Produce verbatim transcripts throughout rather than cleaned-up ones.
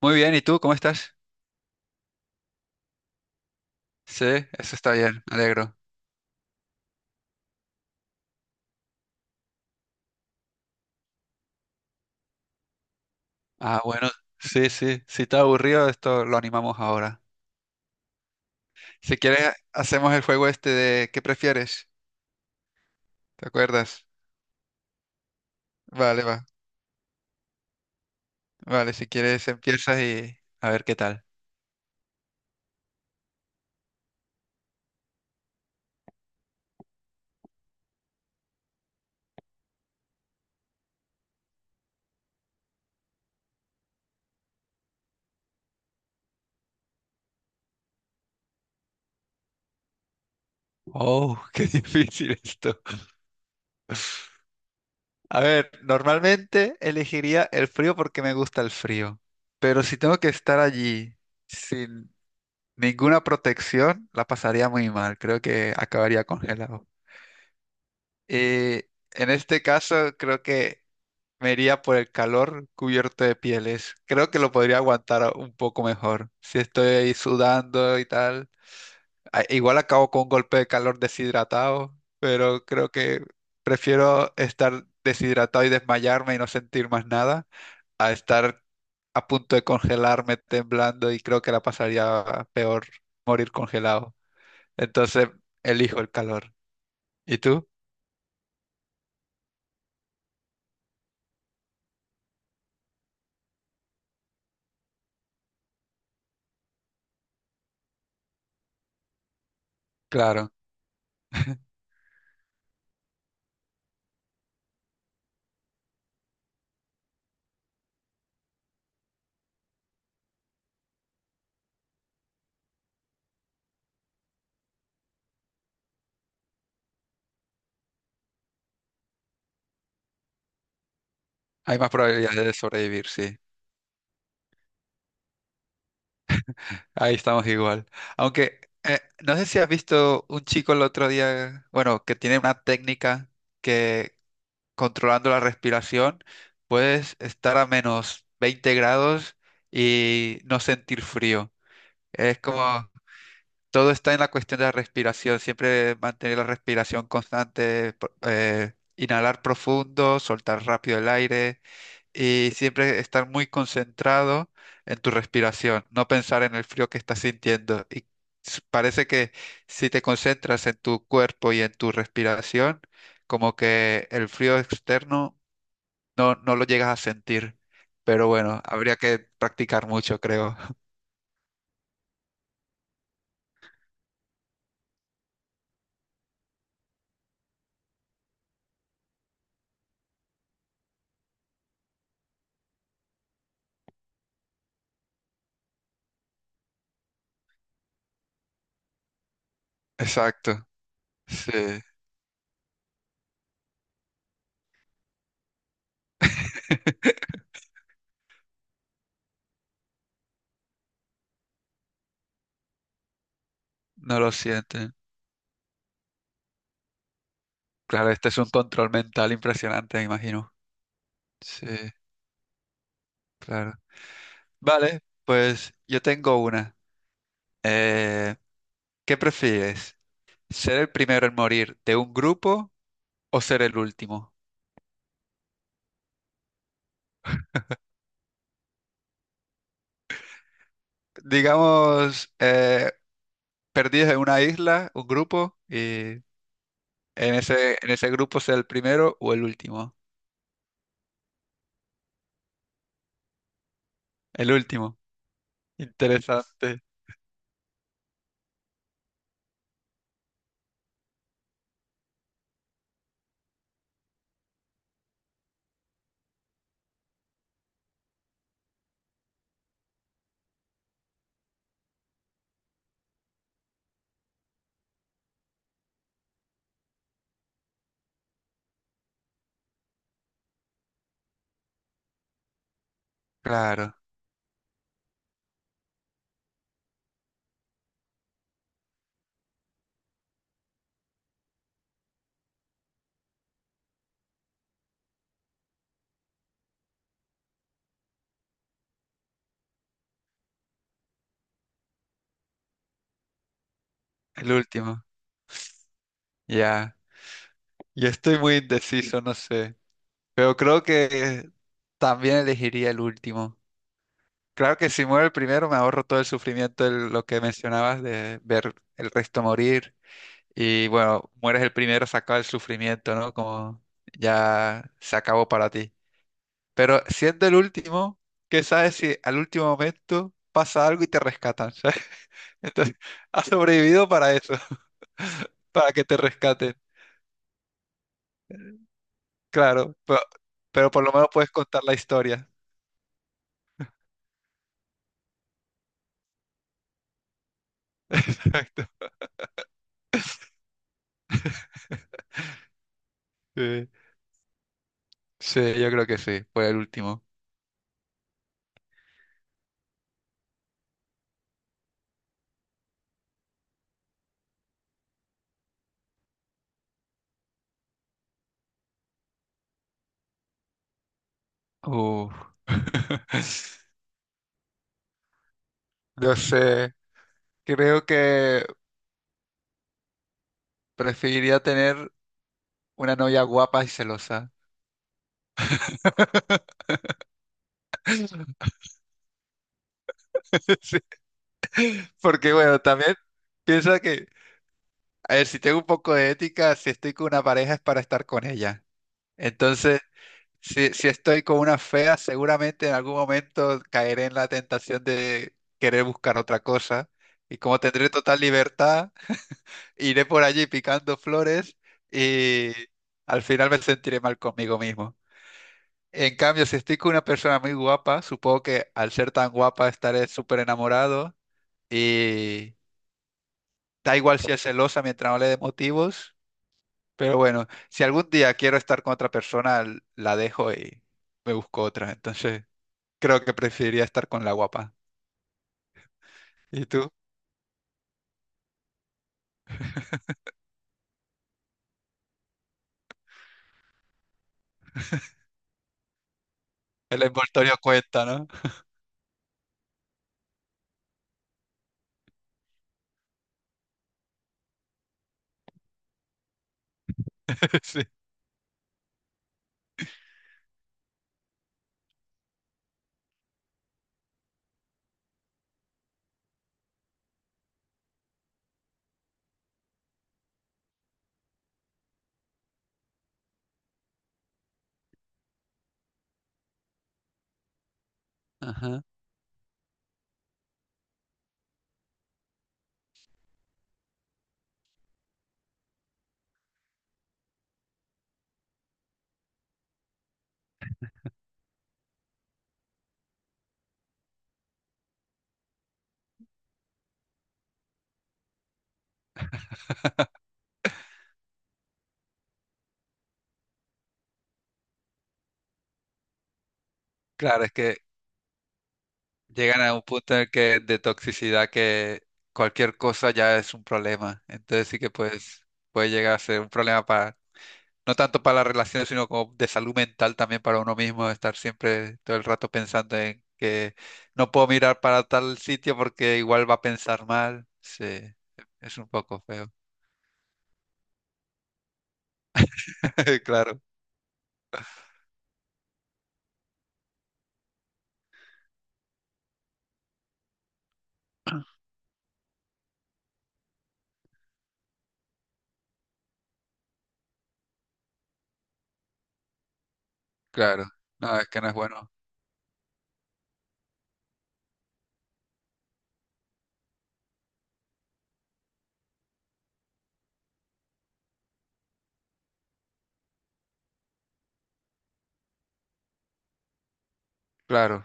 Muy bien, ¿y tú cómo estás? Sí, eso está bien, me alegro. Ah, bueno, sí, sí, si está aburrido, esto lo animamos ahora. Si quieres, hacemos el juego este de ¿qué prefieres? ¿Te acuerdas? Vale, va. Vale, si quieres empiezas y a ver qué tal. Oh, qué difícil esto. A ver, normalmente elegiría el frío porque me gusta el frío, pero si tengo que estar allí sin ninguna protección, la pasaría muy mal. Creo que acabaría congelado. Y en este caso creo que me iría por el calor cubierto de pieles. Creo que lo podría aguantar un poco mejor. Si estoy ahí sudando y tal. a- Igual acabo con un golpe de calor deshidratado, pero creo que prefiero estar deshidratado y desmayarme y no sentir más nada a estar a punto de congelarme temblando y creo que la pasaría peor morir congelado. Entonces elijo el calor. ¿Y tú? Claro. Hay más probabilidades de sobrevivir, sí. Ahí estamos igual. Aunque eh, no sé si has visto un chico el otro día, bueno, que tiene una técnica que controlando la respiración puedes estar a menos veinte grados y no sentir frío. Es como todo está en la cuestión de la respiración, siempre mantener la respiración constante, pro- eh, inhalar profundo, soltar rápido el aire y siempre estar muy concentrado en tu respiración, no pensar en el frío que estás sintiendo. Y s- parece que si te concentras en tu cuerpo y en tu respiración, como que el frío externo no, no lo llegas a sentir. Pero bueno, habría que practicar mucho, creo. Exacto. Sí, no lo sienten. Claro, este es un control mental impresionante, me imagino. Sí, claro. Vale, pues yo tengo una. Eh, ¿Qué prefieres? ¿Ser el primero en morir de un grupo o ser el último? Digamos, eh, perdidos en una isla, un grupo, y en ese, en ese grupo ser el primero o el último. El último. Interesante. Claro, el último. Ya. Yo estoy muy indeciso, no sé. Pero creo que también elegiría el último. Claro que si muero el primero me ahorro todo el sufrimiento de lo que mencionabas de ver el resto morir. Y bueno, mueres el primero, se acaba el sufrimiento, ¿no? Como ya se acabó para ti. Pero siendo el último, ¿qué sabes si al último momento pasa algo y te rescatan? ¿Sabes? Entonces, has sobrevivido para eso, para que te rescaten. Claro, pero, pero por lo menos puedes contar la historia. Exacto. Sí, sí, yo creo que sí, fue el último. Uf. No sé, creo que preferiría tener una novia guapa y celosa. Sí, porque bueno, también piensa que, a ver, si tengo un poco de ética, si estoy con una pareja es para estar con ella. Entonces, si, si estoy con una fea, seguramente en algún momento caeré en la tentación de querer buscar otra cosa. Y como tendré total libertad, iré por allí picando flores y al final me sentiré mal conmigo mismo. En cambio, si estoy con una persona muy guapa, supongo que al ser tan guapa estaré súper enamorado. Da igual si es celosa mientras no le dé motivos, pero bueno, si algún día quiero estar con otra persona, l- la dejo y me busco otra. Entonces, creo que preferiría estar con la guapa. ¿Y tú? El envoltorio cuenta, ¿no? Sí. Ajá. Claro, es que llegan a un punto en el que de toxicidad que cualquier cosa ya es un problema. Entonces sí que pues puede llegar a ser un problema para. No tanto para las relaciones, sino como de salud mental también para uno mismo, estar siempre todo el rato pensando en que no puedo mirar para tal sitio porque igual va a pensar mal. Sí, es un poco feo. Claro, claro. No, es que no es bueno. Claro,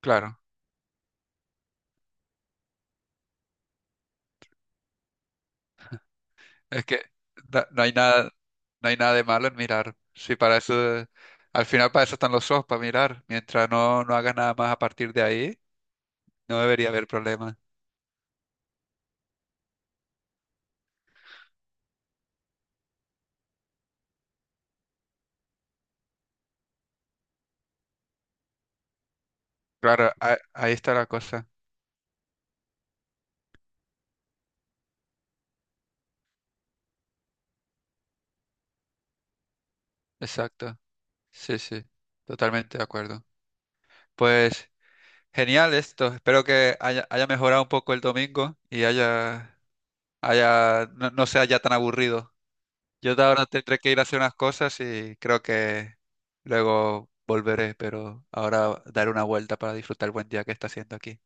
claro. Es que da- no hay nada, no hay nada de malo en mirar. Sí, para eso, eh, al final para eso están los ojos, para mirar. Mientras no, no hagas nada más a partir de ahí, no debería haber problema. Claro, a- ahí está la cosa. Exacto. Sí, sí, totalmente de acuerdo. Pues genial esto. Espero que haya, haya mejorado un poco el domingo y haya, haya, no, no sea ya tan aburrido. Yo de ahora tendré que ir a hacer unas cosas y creo que luego volveré, pero ahora daré una vuelta para disfrutar el buen día que está haciendo aquí.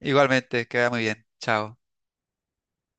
Igualmente, queda muy bien. Chao.